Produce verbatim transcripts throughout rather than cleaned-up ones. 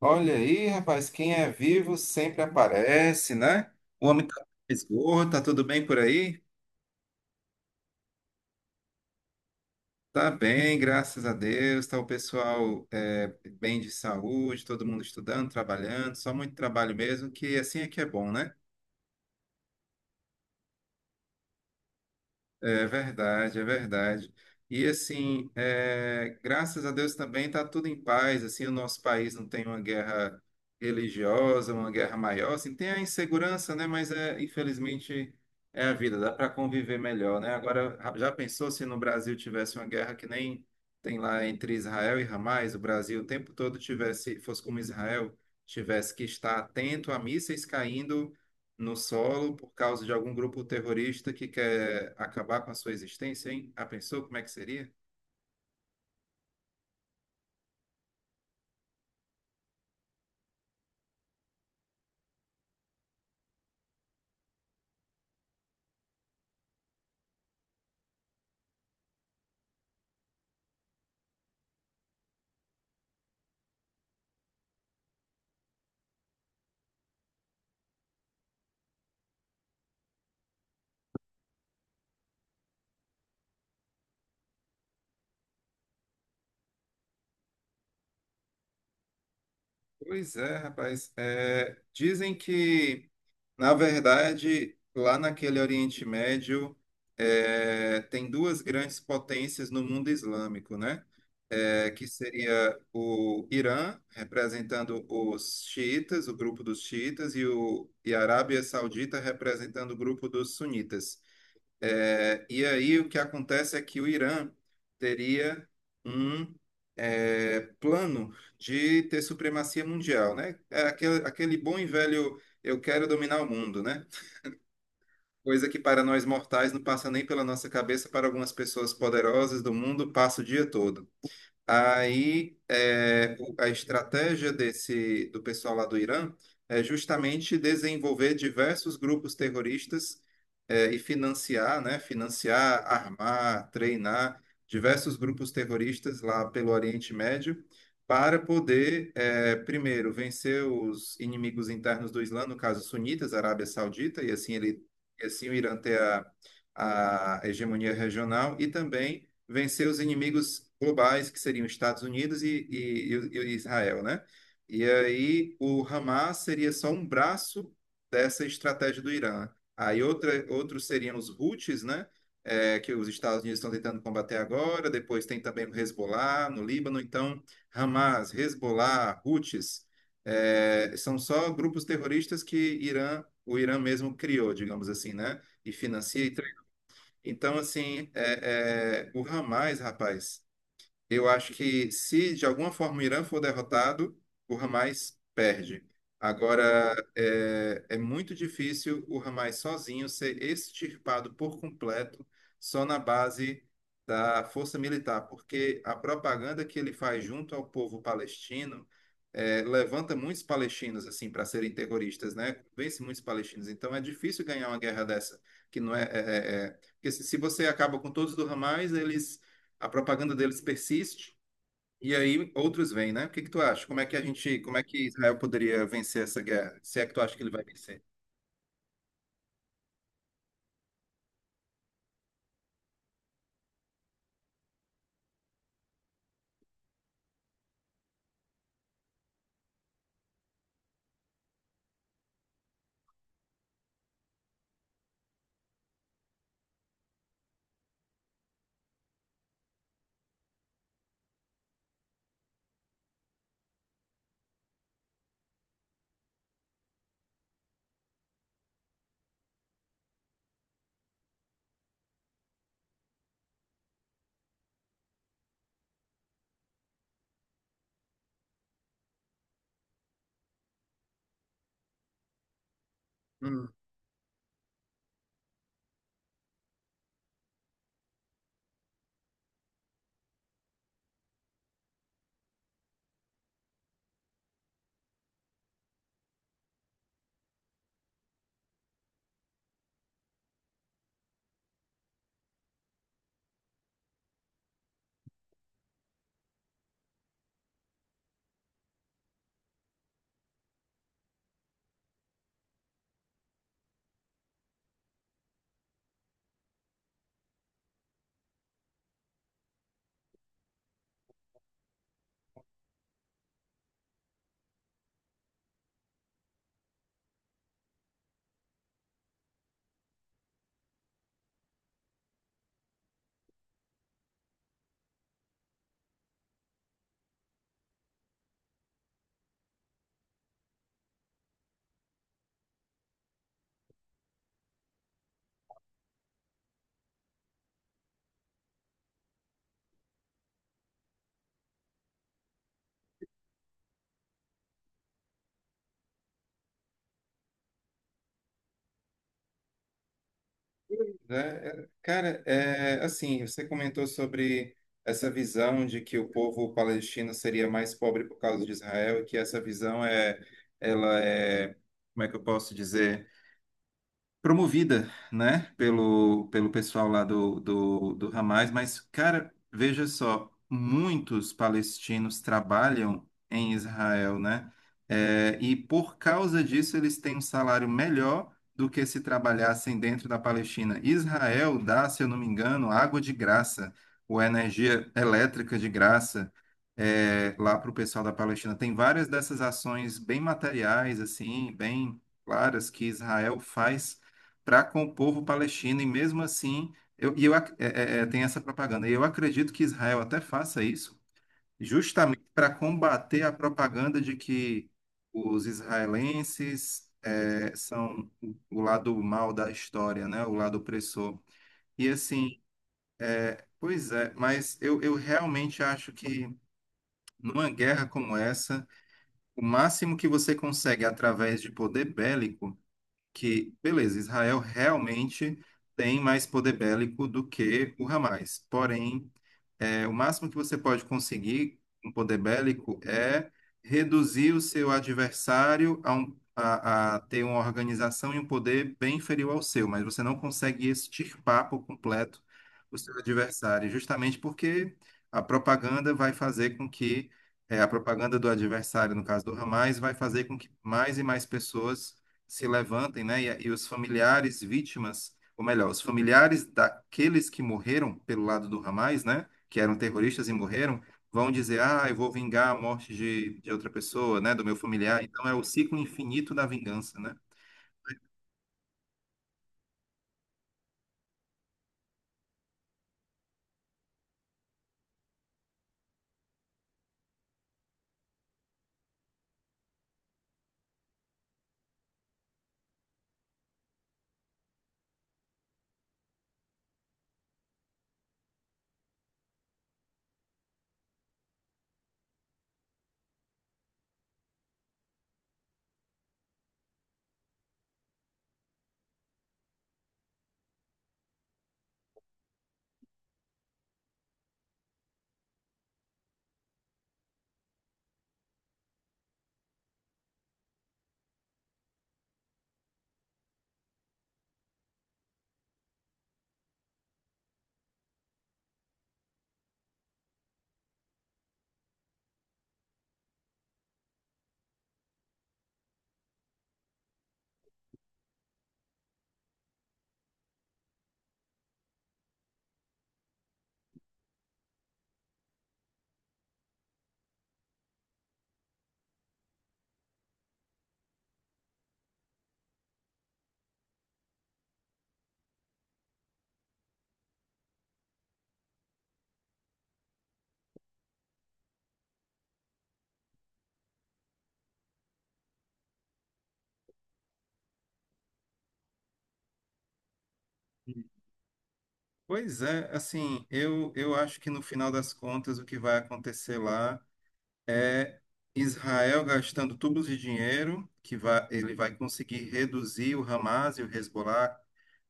Olha aí, rapaz, quem é vivo sempre aparece, né? O homem tá esgoto, tá tudo bem por aí? Tá bem, graças a Deus, tá o pessoal é, bem de saúde, todo mundo estudando, trabalhando, só muito trabalho mesmo, que assim é que é bom, né? É verdade, é verdade. E assim, é, graças a Deus também está tudo em paz. Assim, o nosso país não tem uma guerra religiosa, uma guerra maior. Assim, tem a insegurança, né? Mas é, infelizmente é a vida. Dá para conviver melhor, né? Agora, já pensou se no Brasil tivesse uma guerra que nem tem lá entre Israel e Hamas? O Brasil o tempo todo tivesse, fosse como Israel, tivesse que estar atento a mísseis caindo no solo por causa de algum grupo terrorista que quer acabar com a sua existência, hein? Ah, pensou como é que seria? Pois é, rapaz. É, dizem que, na verdade, lá naquele Oriente Médio, é, tem duas grandes potências no mundo islâmico, né? É, que seria o Irã, representando os xiitas, o grupo dos xiitas, e, o, e a Arábia Saudita, representando o grupo dos sunitas. É, e aí o que acontece é que o Irã teria um é, plano de ter supremacia mundial, né? É aquele, aquele bom e velho eu quero dominar o mundo, né? Coisa que para nós mortais não passa nem pela nossa cabeça, para algumas pessoas poderosas do mundo passa o dia todo. Aí, é, o- a estratégia desse do pessoal lá do Irã é justamente desenvolver diversos grupos terroristas é, e financiar, né? Financiar, armar, treinar diversos grupos terroristas lá pelo Oriente Médio para poder, é, primeiro, vencer os inimigos internos do Islã, no caso sunitas, Arábia Saudita, e assim ele, e assim o Irã ter a, a hegemonia regional e também vencer os inimigos globais, que seriam os Estados Unidos e, e, e Israel, né? E aí o Hamas seria só um braço dessa estratégia do Irã. Aí outra, outros seriam os Houthis, né? É, que os Estados Unidos estão tentando combater agora. Depois tem também o Hezbollah no Líbano. Então, Hamas, Hezbollah, Houthis, é, são só grupos terroristas que Irã, o Irã mesmo criou, digamos assim, né? E financia e então, assim, é, é, o Ramais, rapaz, eu acho que se de alguma forma o Irã for derrotado, o Hamas perde. Agora, é, é muito difícil o Hamas sozinho ser extirpado por completo só na base da força militar, porque a propaganda que ele faz junto ao povo palestino é, levanta muitos palestinos assim para serem terroristas, né? Vence muitos palestinos. Então é difícil ganhar uma guerra dessa, que não é, é, é- é- porque se se você acaba com todos do Hamas, eles a propaganda deles persiste e aí outros vêm, né? O que que tu acha? Como é que a gente, como é que Israel poderia vencer essa guerra? Se é que tu acha que ele vai vencer? Hum. É, é, cara, é, assim, você comentou sobre essa visão de que o povo palestino seria mais pobre por causa de Israel, e que essa visão é, ela é, como é que eu posso dizer? Promovida, né, pelo, pelo pessoal lá do, do, do Hamas, mas, cara, veja só, muitos palestinos trabalham em Israel, né, é, e por causa disso eles têm um salário melhor do que se trabalhassem dentro da Palestina. Israel dá, se eu não me engano, água de graça, ou energia elétrica de graça. é, lá para o pessoal da Palestina. Tem várias dessas ações bem materiais, assim, bem claras que Israel faz para com o povo palestino, e mesmo assim, eu, e eu, ac- é, é, é, tem essa propaganda. E eu acredito que Israel até faça isso, justamente para combater a propaganda de que os israelenses é, são o o lado mal da história, né? O lado opressor. E assim, pois é, mas eu, eu realmente acho que numa guerra como essa, o máximo que você consegue através de poder bélico. Que, beleza, Israel realmente tem mais poder bélico do que o Hamas. Porém, é, o máximo que você pode conseguir com poder bélico é reduzir o seu adversário a, um- a- a ter uma organização e um poder bem inferior ao seu, mas você não consegue extirpar por completo o seu adversário, justamente porque a propaganda vai fazer com que, é, a propaganda do adversário, no caso do Hamas, vai fazer com que mais e mais pessoas se levantem, né? E, e os familiares vítimas, ou melhor, os familiares daqueles que morreram pelo lado do Hamas, né? Que eram terroristas e morreram, vão dizer, ah, eu vou vingar a morte de, de outra pessoa, né, do meu familiar. Então é o ciclo infinito da vingança, né? Pois é, assim, eu, eu acho que no final das contas o que vai acontecer lá é Israel gastando tubos de dinheiro, que vai, ele vai conseguir reduzir o Hamas e o Hezbollah,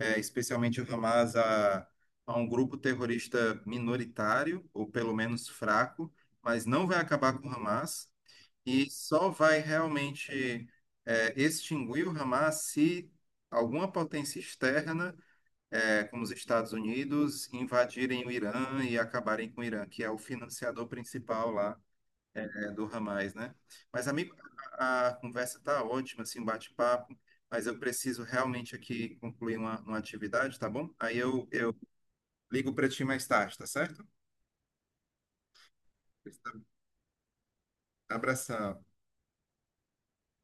é, especialmente o Hamas, a, a um grupo terrorista minoritário, ou pelo menos fraco, mas não vai acabar com o Hamas. E só vai realmente é, extinguir o Hamas se alguma potência externa, é, como os Estados Unidos, invadirem o Irã e acabarem com o Irã, que é o financiador principal lá é, é, do Hamas, né? Mas, amigo, a, a conversa tá ótima, assim, um bate-papo, mas eu preciso realmente aqui concluir uma, uma atividade, tá bom? Aí eu, eu ligo para ti mais tarde, tá certo? Abração.